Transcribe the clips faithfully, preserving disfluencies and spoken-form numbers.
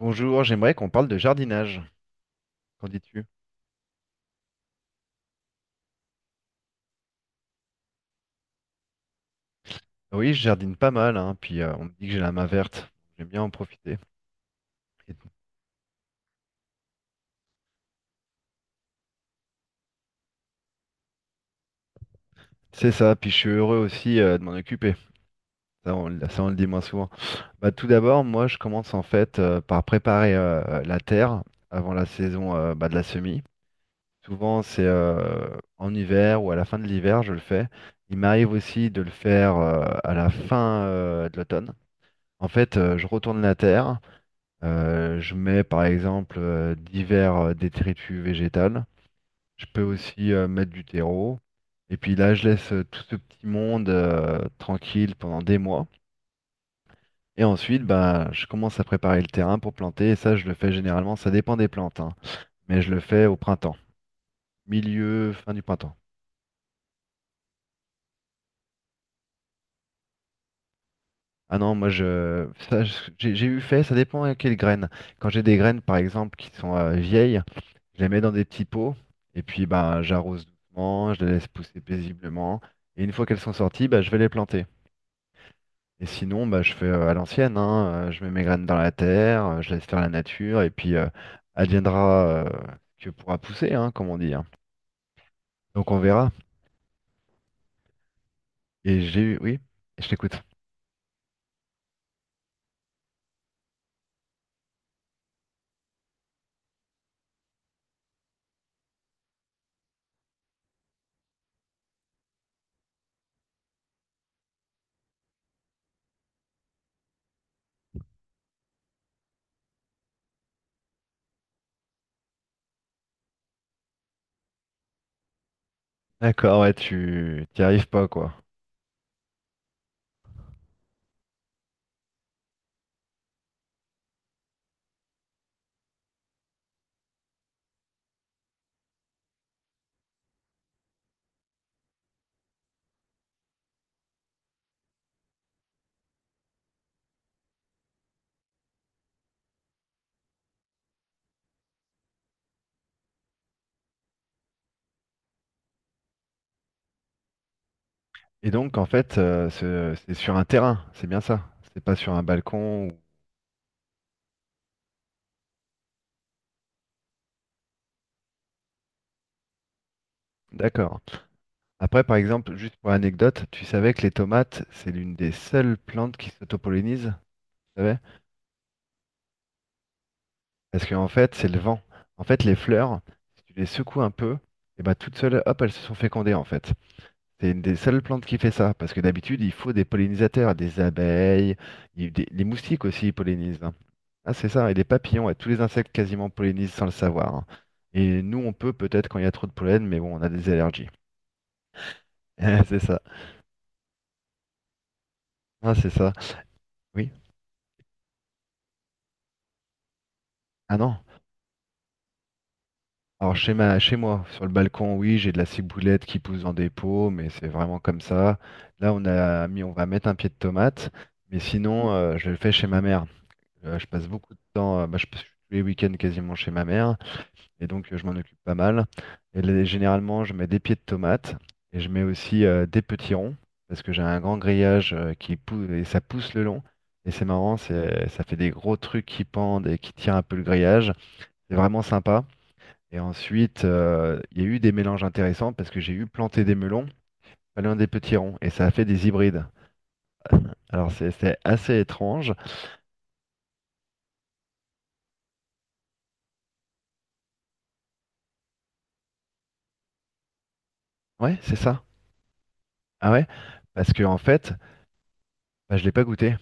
Bonjour, j'aimerais qu'on parle de jardinage. Qu'en dis-tu? Ah Oui, je jardine pas mal, hein, puis euh, on me dit que j'ai la main verte. J'aime bien en profiter. Et C'est ça, puis je suis heureux aussi euh, de m'en occuper. Ça on, ça, on le dit moins souvent. Bah, tout d'abord, moi, je commence en fait euh, par préparer euh, la terre avant la saison euh, bah, de la semis. Souvent, c'est euh, en hiver ou à la fin de l'hiver, je le fais. Il m'arrive aussi de le faire euh, à la fin euh, de l'automne. En fait, euh, je retourne la terre. Euh, je mets par exemple euh, divers euh, détritus végétales. Je peux aussi euh, mettre du terreau. Et puis là, je laisse euh, tout ce petit monde euh, tranquille pendant des mois. Et ensuite, bah, je commence à préparer le terrain pour planter. Et ça, je le fais généralement, ça dépend des plantes, hein. Mais je le fais au printemps, milieu, fin du printemps. Ah non, moi, je, ça, je- j'ai j'ai eu fait, ça dépend à quelles graines. Quand j'ai des graines, par exemple, qui sont euh, vieilles. Je les mets dans des petits pots et puis bah, j'arrose doucement, je les laisse pousser paisiblement. Et une fois qu'elles sont sorties, bah, je vais les planter. Et sinon, bah, je fais euh, à l'ancienne, hein, euh, je mets mes graines dans la terre, euh, je laisse faire la nature et puis euh, adviendra euh, que pourra pousser, hein, comme on dit. Hein. Donc on verra. Et j'ai eu, oui, je t'écoute. D'accord, ouais, tu t'y arrives pas quoi. Et donc en fait, euh, ce- c'est sur un terrain, c'est bien ça. C'est pas sur un balcon ou- D'accord. Après, par exemple, juste pour anecdote, tu savais que les tomates, c'est l'une des seules plantes qui s'autopollinisent, tu savais? Parce qu'en fait, c'est le vent. En fait, les fleurs, si tu les secoues un peu, et ben toutes seules, hop, elles se sont fécondées en fait. C'est une des seules plantes qui fait ça, parce que d'habitude, il faut des pollinisateurs, des abeilles, il- des- les moustiques aussi ils pollinisent. Hein. Ah, c'est ça, et les papillons, et tous les insectes quasiment pollinisent sans le savoir. Hein. Et nous, on peut peut-être quand il y a trop de pollen, mais bon, on a des allergies. C'est ça. Ah, c'est ça. Oui. Ah non. Alors chez ma, chez moi, sur le balcon, oui, j'ai de la ciboulette qui pousse dans des pots, mais c'est vraiment comme ça. Là, on a mis, on va mettre un pied de tomate, mais sinon, euh, je le fais chez ma mère. Euh, je passe beaucoup de temps, euh, bah, je passe tous les week-ends quasiment chez ma mère, et donc euh, je m'en occupe pas mal. Et là, généralement, je mets des pieds de tomate et je mets aussi euh, des petits ronds parce que j'ai un grand grillage euh, qui pousse et ça pousse le long. Et c'est marrant, c'est, ça fait des gros trucs qui pendent et qui tirent un peu le grillage. C'est vraiment sympa. Et ensuite, euh, il y a eu des mélanges intéressants parce que j'ai eu planté des melons, pas loin des petits ronds, et ça a fait des hybrides. Alors c'est c'est assez étrange. Ouais, c'est ça. Ah ouais? Parce que en fait, bah, je l'ai pas goûté.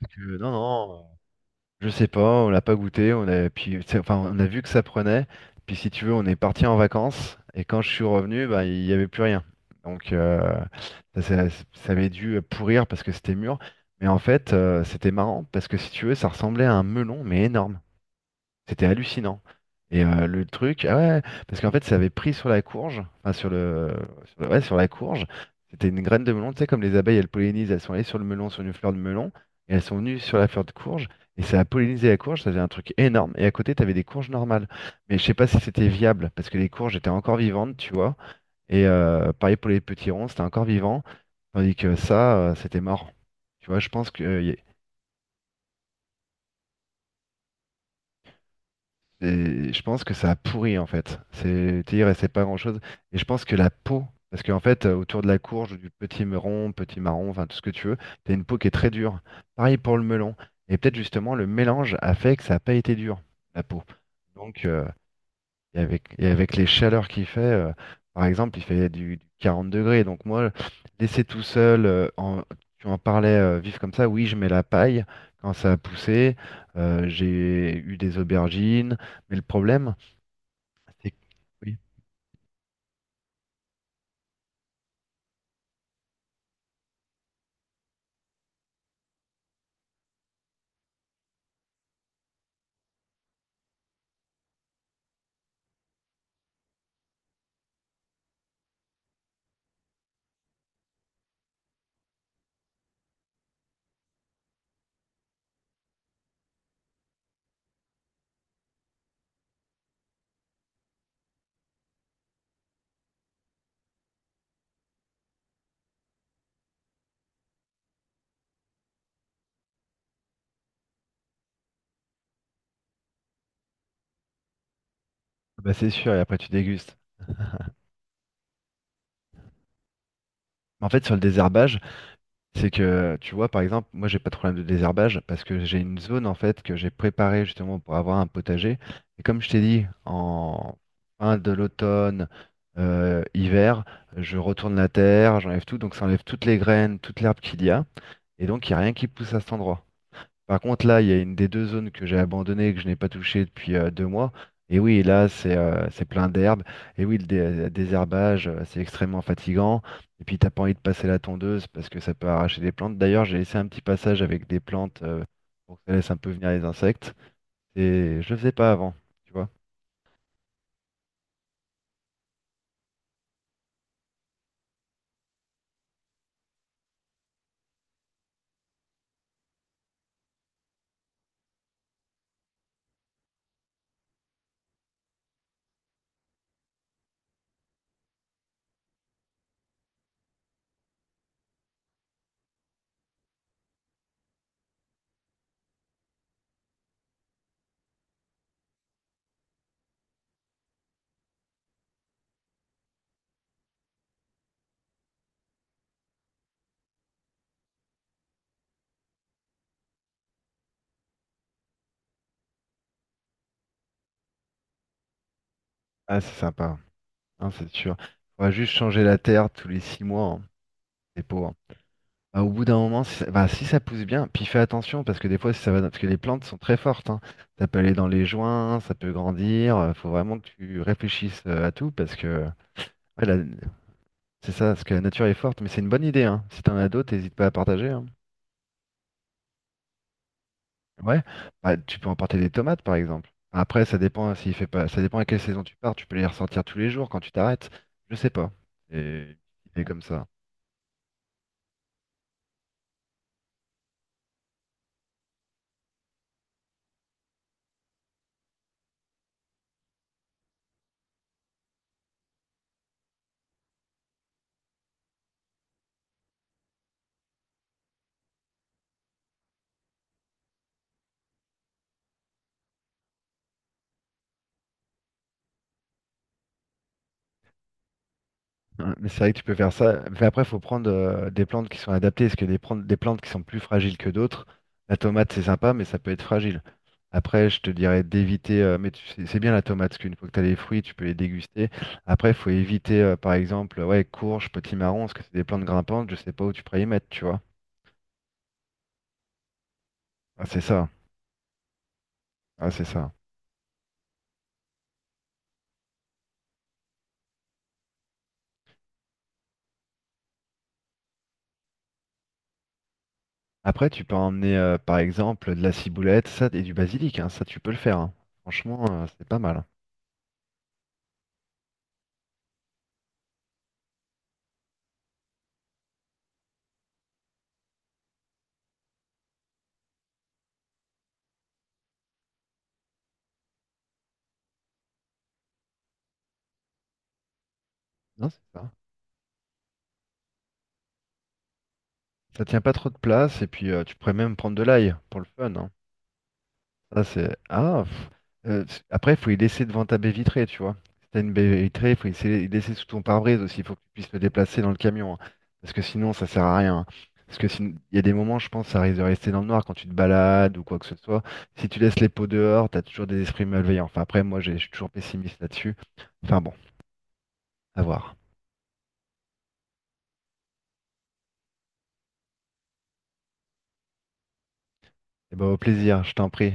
Parce que, non, non, je sais pas, on l'a pas goûté. On a, puis, c'est- Enfin, on a vu que ça prenait. Puis si tu veux, on est parti en vacances. Et quand je suis revenu, bah, il y avait plus rien. Donc euh, ça, ça- ça avait dû pourrir parce que c'était mûr. Mais en fait, euh, c'était marrant parce que si tu veux, ça ressemblait à un melon, mais énorme. C'était hallucinant. Et euh, le truc, ah ouais, parce qu'en fait, ça avait pris sur la courge, enfin sur le, sur le- ouais, sur la courge. C'était une graine de melon, tu sais, comme les abeilles, elles pollinisent, elles sont allées sur le melon, sur une fleur de melon, et elles sont venues sur la fleur de courge, et ça a pollinisé la courge, ça faisait un truc énorme. Et à côté, tu avais des courges normales. Mais je sais pas si c'était viable, parce que les courges étaient encore vivantes, tu vois. Et euh, pareil pour les petits ronds, c'était encore vivant, tandis que ça, euh, c'était mort. Tu vois, je pense qu'il. Et je pense que ça a pourri en fait. C'est, tu sais, il restait pas grand-chose. Et je pense que la peau, parce qu'en fait, euh, autour de la courge, du petit meron, petit marron, enfin tout ce que tu veux, t'as une peau qui est très dure. Pareil pour le melon. Et peut-être justement le mélange a fait que ça n'a pas été dur, la peau. Donc euh, et avec, et avec les chaleurs qu'il fait, euh, par exemple, il fait du, du 40 degrés. Donc moi, laisser tout seul, euh, en- tu en parlais, euh, vif comme ça, oui, je mets la paille quand ça a poussé. Euh, j'ai eu des aubergines. Mais le problème, c'est que... Oui, ah bah c'est sûr, et après tu dégustes. Mais en fait, sur le désherbage. C'est que, tu vois, par exemple, moi, j'ai pas de problème de désherbage parce que j'ai une zone, en fait, que j'ai préparée justement pour avoir un potager. Et comme je t'ai dit, en fin de l'automne, euh, hiver, je retourne la terre, j'enlève tout, donc ça enlève toutes les graines, toute l'herbe qu'il y a. Et donc, il n'y a rien qui pousse à cet endroit. Par contre, là, il y a une des deux zones que j'ai abandonnées et que je n'ai pas touchée depuis euh, deux mois. Et oui, là, c'est euh, c'est plein d'herbes. Et oui, le dé- euh, désherbage, euh, c'est extrêmement fatigant. Et puis, t'as pas envie de passer la tondeuse parce que ça peut arracher des plantes. D'ailleurs, j'ai laissé un petit passage avec des plantes euh, pour que ça laisse un peu venir les insectes. Et je le faisais pas avant, tu vois. Ah, c'est sympa, hein, c'est sûr. Faudra juste changer la terre tous les six mois, hein. C'est pauvre. Bah, au bout d'un moment, si ça, bah, si ça pousse bien, puis fais attention parce que des fois, si ça va, dans- parce que les plantes sont très fortes, hein. Ça peut aller dans les joints, ça peut grandir. euh, Faut vraiment que tu réfléchisses euh, à tout parce que, ouais, la- c'est ça, parce que la nature est forte. Mais c'est une bonne idée, hein. Si t'en as d'autres, n'hésite pas à partager. Hein. Ouais, bah, tu peux emporter des tomates par exemple. Après, ça dépend hein, s'il fait pas, ça dépend à quelle saison tu pars. Tu peux les ressortir tous les jours quand tu t'arrêtes. Je sais pas. C'est c'est comme ça. Ouais, Mais c'est vrai que tu peux faire ça. Mais après, il faut prendre euh, des plantes qui sont adaptées. Parce que des, pran- des plantes qui sont plus fragiles que d'autres, la tomate, c'est sympa, mais ça peut être fragile. Après, je te dirais d'éviter. Euh, mais tu- c'est c'est bien la tomate, parce qu'une fois que tu as les fruits, tu peux les déguster. Après, il faut éviter, euh, par exemple, ouais, courge, petit marron, parce que c'est des plantes grimpantes, je sais pas où tu pourrais y mettre, tu vois. Ah, c'est ça. Ah, c'est ça. Après, tu peux emmener, euh, par exemple, de la ciboulette, ça, et du basilic, hein, ça, tu peux le faire. Hein. Franchement, euh, c'est pas mal. Non, c'est ça. Ça tient pas trop de place et puis euh, tu pourrais même prendre de l'ail pour le fun. Hein. Ça c'est ah. Pff. Euh, c- après, il faut y laisser devant ta baie vitrée, tu vois. Si t'as une baie vitrée, il faut y laisser, y laisser sous ton pare-brise aussi. Il faut que tu puisses le déplacer dans le camion. Hein. Parce que sinon, ça sert à rien. Hein. Parce que sinon- il y a des moments, je pense, ça risque de rester dans le noir quand tu te balades ou quoi que ce soit. Si tu laisses les pots dehors, t'as toujours des esprits malveillants. Enfin, après, moi, j'ai- je suis toujours pessimiste là-dessus. Enfin bon, à voir. Et ben, au plaisir, je t'en prie.